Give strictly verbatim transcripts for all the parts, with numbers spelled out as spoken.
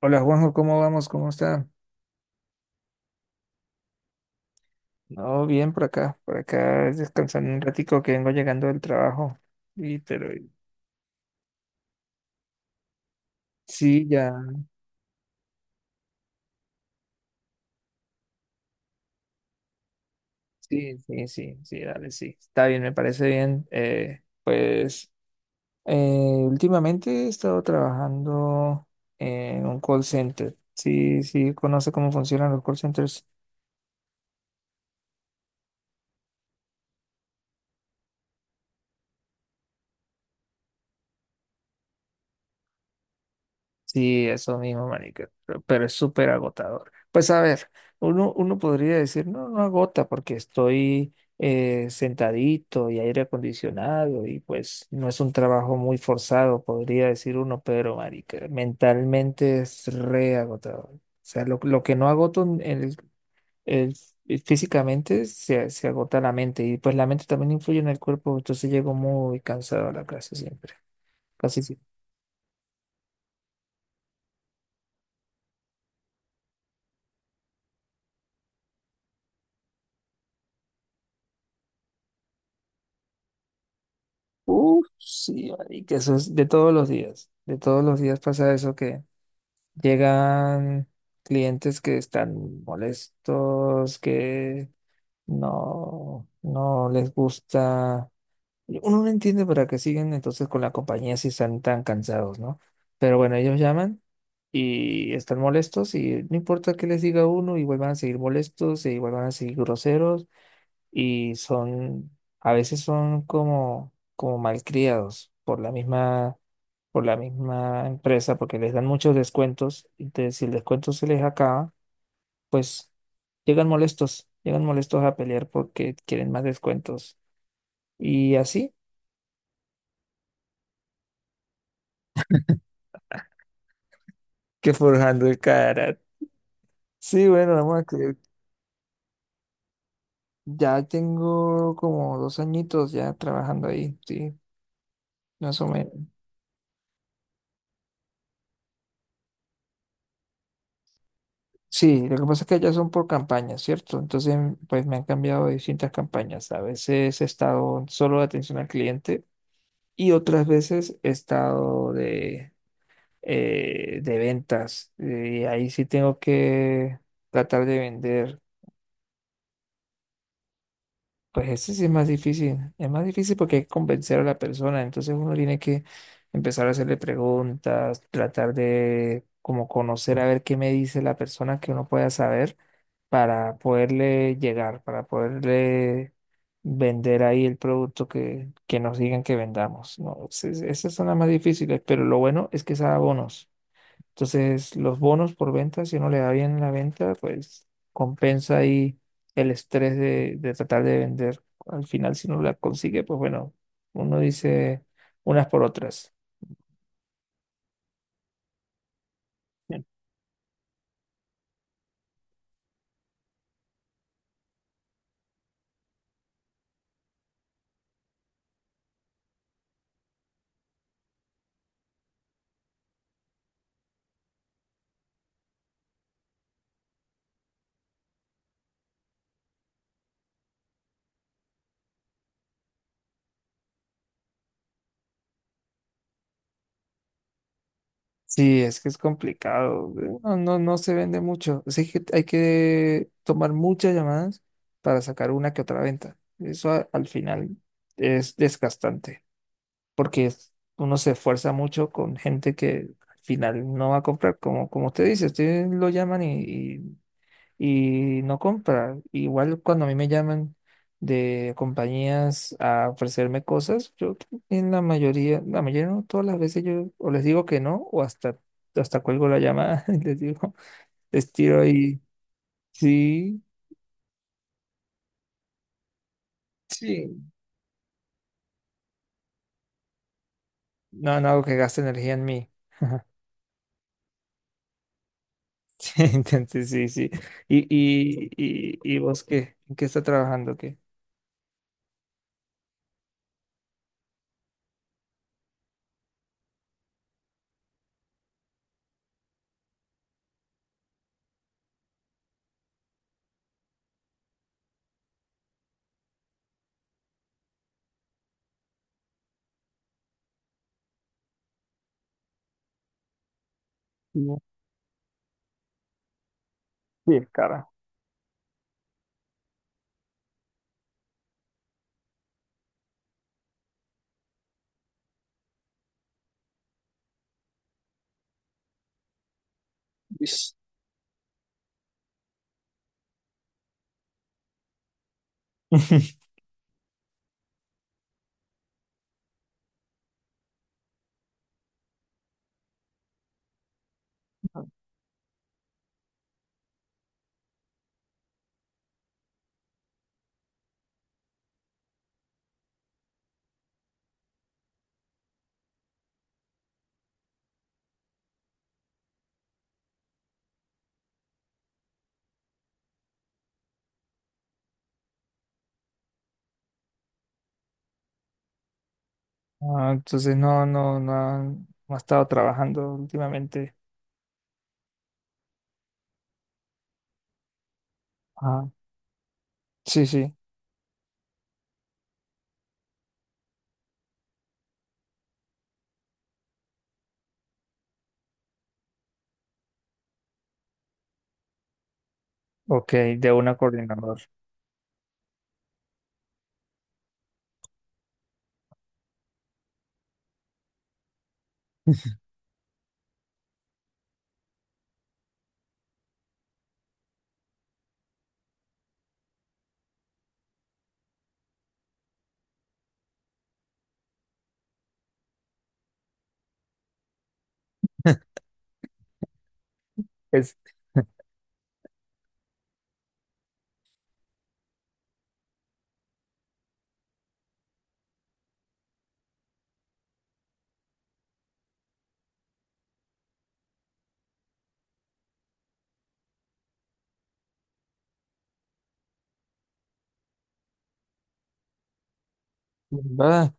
Hola Juanjo, ¿cómo vamos? ¿Cómo está? No, bien por acá, por acá es descansando un ratico que vengo llegando del trabajo. Y pero sí, ya, sí, sí, sí, sí, dale, sí. Está bien, me parece bien. Eh, pues eh, últimamente he estado trabajando en un call center. Sí, sí, conoce cómo funcionan los call centers. Sí, eso mismo, marica, pero pero es súper agotador. Pues a ver, uno, uno podría decir, no, no agota porque estoy eh, sentadito y aire acondicionado y pues no es un trabajo muy forzado, podría decir uno, pero marica, mentalmente es re agotador. O sea, lo, lo que no agoto en el, el- eh, físicamente se, se agota la mente y pues la mente también influye en el cuerpo, entonces llego muy cansado a la clase siempre, casi siempre. Uf, sí, que eso es de todos los días. De todos los días pasa eso que llegan clientes que están molestos, que no, no les gusta. Uno no entiende para qué siguen entonces con la compañía si están tan cansados, ¿no? Pero bueno, ellos llaman y están molestos y no importa qué les diga uno, igual van a seguir molestos, e igual van a seguir groseros y son, a veces son como, como malcriados por la misma, por la misma empresa, porque les dan muchos descuentos, y te- si el descuento se les acaba, pues llegan molestos, llegan molestos a pelear porque quieren más descuentos. Y así que forjando el carácter. Sí, bueno, vamos a que ya tengo como dos añitos ya trabajando ahí, sí, más o menos. Sí, lo que pasa es que ya son por campañas, ¿cierto? Entonces, em, pues me han cambiado de distintas campañas. A veces he estado solo de atención al cliente y otras veces he estado de, eh, de ventas. Y ahí sí tengo que tratar de vender. Pues ese sí es más difícil. Es más difícil porque hay que convencer a la persona. Entonces uno tiene que empezar a hacerle preguntas, tratar de como conocer a ver qué me dice la persona que uno pueda saber para poderle llegar, para poderle vender ahí el producto que, que nos digan que vendamos. No, ese- esas son las más difíciles, pero lo bueno es que es a bonos. Entonces, los bonos por venta, si uno le da bien en la venta, pues compensa ahí el estrés de, de tratar de vender. Al final, si no la consigue, pues bueno, uno dice unas por otras. Bien. Sí, es que es complicado. No, no, no se vende mucho. Así que hay que tomar muchas llamadas para sacar una que otra venta. Eso a- al final es desgastante, porque es- uno se esfuerza mucho con gente que al final no va a comprar, como, como usted dice, usted lo llaman y, y, y no compra. Igual cuando a mí me llaman de compañías a ofrecerme cosas, yo en la mayoría, la mayoría no, todas las veces yo o les digo que no, o hasta, hasta cuelgo la llamada y les digo, les tiro ahí, sí, sí. No, no hago que gaste energía en mí. Entonces, sí, sí. ¿Y, y, y, y vos qué? ¿En qué está trabajando? ¿Qué? No, sí, cara. Ush. Ah, entonces no, no, no ha, no ha estado trabajando últimamente. Ah, sí, sí. Ok, de una coordinador. Es verdad.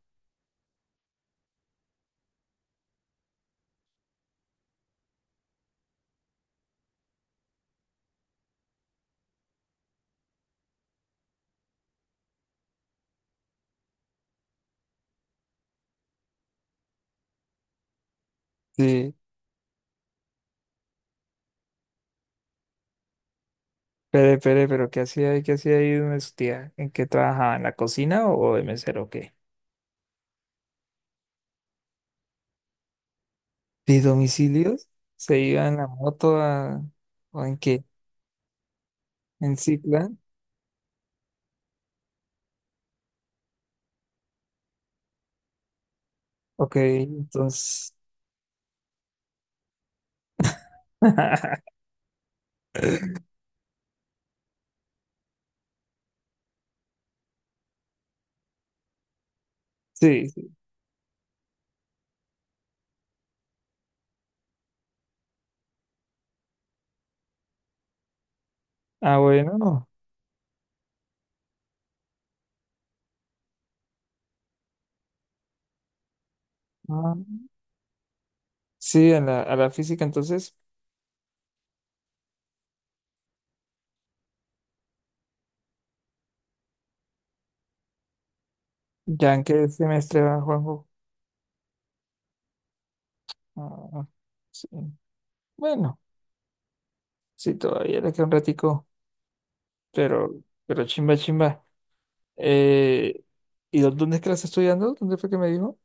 Sí. Pero, pero, pero, ¿qué hacía ahí? ¿Qué hacía ahí donde su tía? ¿En qué trabajaba? ¿En la cocina o de mesero o qué? ¿De domicilios? ¿Se iba en la moto a- o en qué? ¿En Cicla? Ok, entonces. Sí, sí. Ah, bueno. No. Ah, sí, a la, a la física, entonces, ¿ya en qué semestre va Juanjo? Ah, sí. Bueno, sí, todavía le queda un ratico, pero, pero chimba, chimba. Eh, ¿y dó- dónde es que la está estudiando? ¿Dónde fue que me dijo?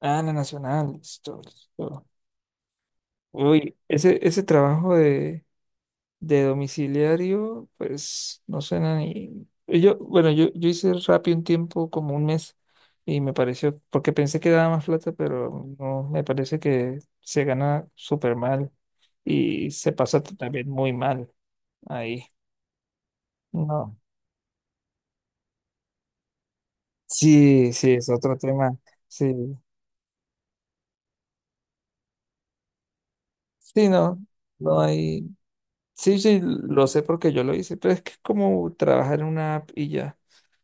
Ah, en la Nacional, listo, listo. Uy, ese, ese trabajo de, De domiciliario, pues no suena ni. Yo, bueno, yo, yo hice Rappi un tiempo, como un mes, y me pareció, porque pensé que daba más plata, pero no, me parece que se gana súper mal y se pasa t- también muy mal ahí. No. Sí, sí, es otro tema. Sí, sí, no, no hay. Sí, sí, lo sé porque yo lo hice, pero es que es como trabajar en una app y ya,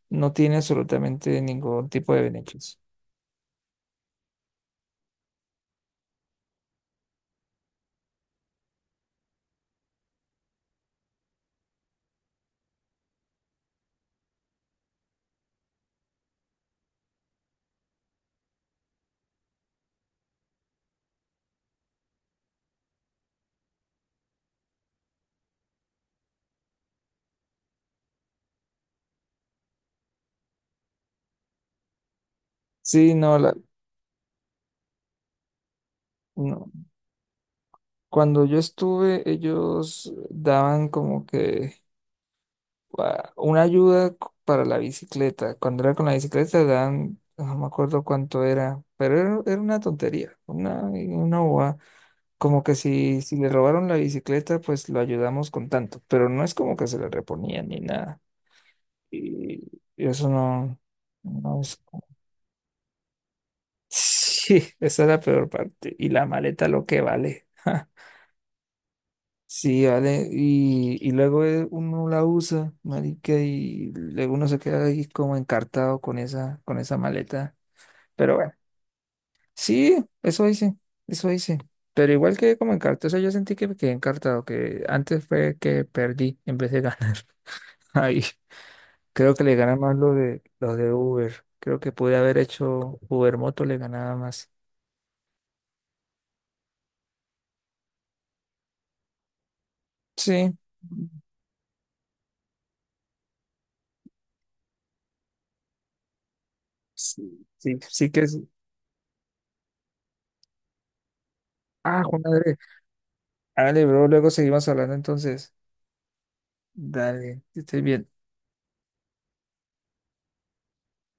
no tiene absolutamente ningún tipo de beneficio. Sí, no, la. No. Cuando yo estuve, ellos daban como que ah, una ayuda c- para la bicicleta. Cuando era con la bicicleta, daban, no me acuerdo cuánto era, pero era, era una tontería, una, una bobada. Como que si, si le robaron la bicicleta, pues lo ayudamos con tanto, pero no es como que se le reponía ni nada. Y, y eso no, no es... Sí, esa es la peor parte. Y la maleta lo que vale. Sí, vale, y, y luego eh, uno la usa, marica, y luego uno se queda ahí como encartado con esa, con esa maleta. Pero bueno, sí, eso hice, eso hice. Pero igual que como encartado, o sea, yo sentí que me quedé encartado, que antes fue que perdí en vez de ganar. Ahí, creo que le gana más lo de, lo de Uber. Creo que pude haber hecho Uber Moto, le ganaba más. Sí, sí, sí, sí que es. Ah, Juan Andrés, hágale, bro, luego seguimos hablando entonces. Dale, que estés bien.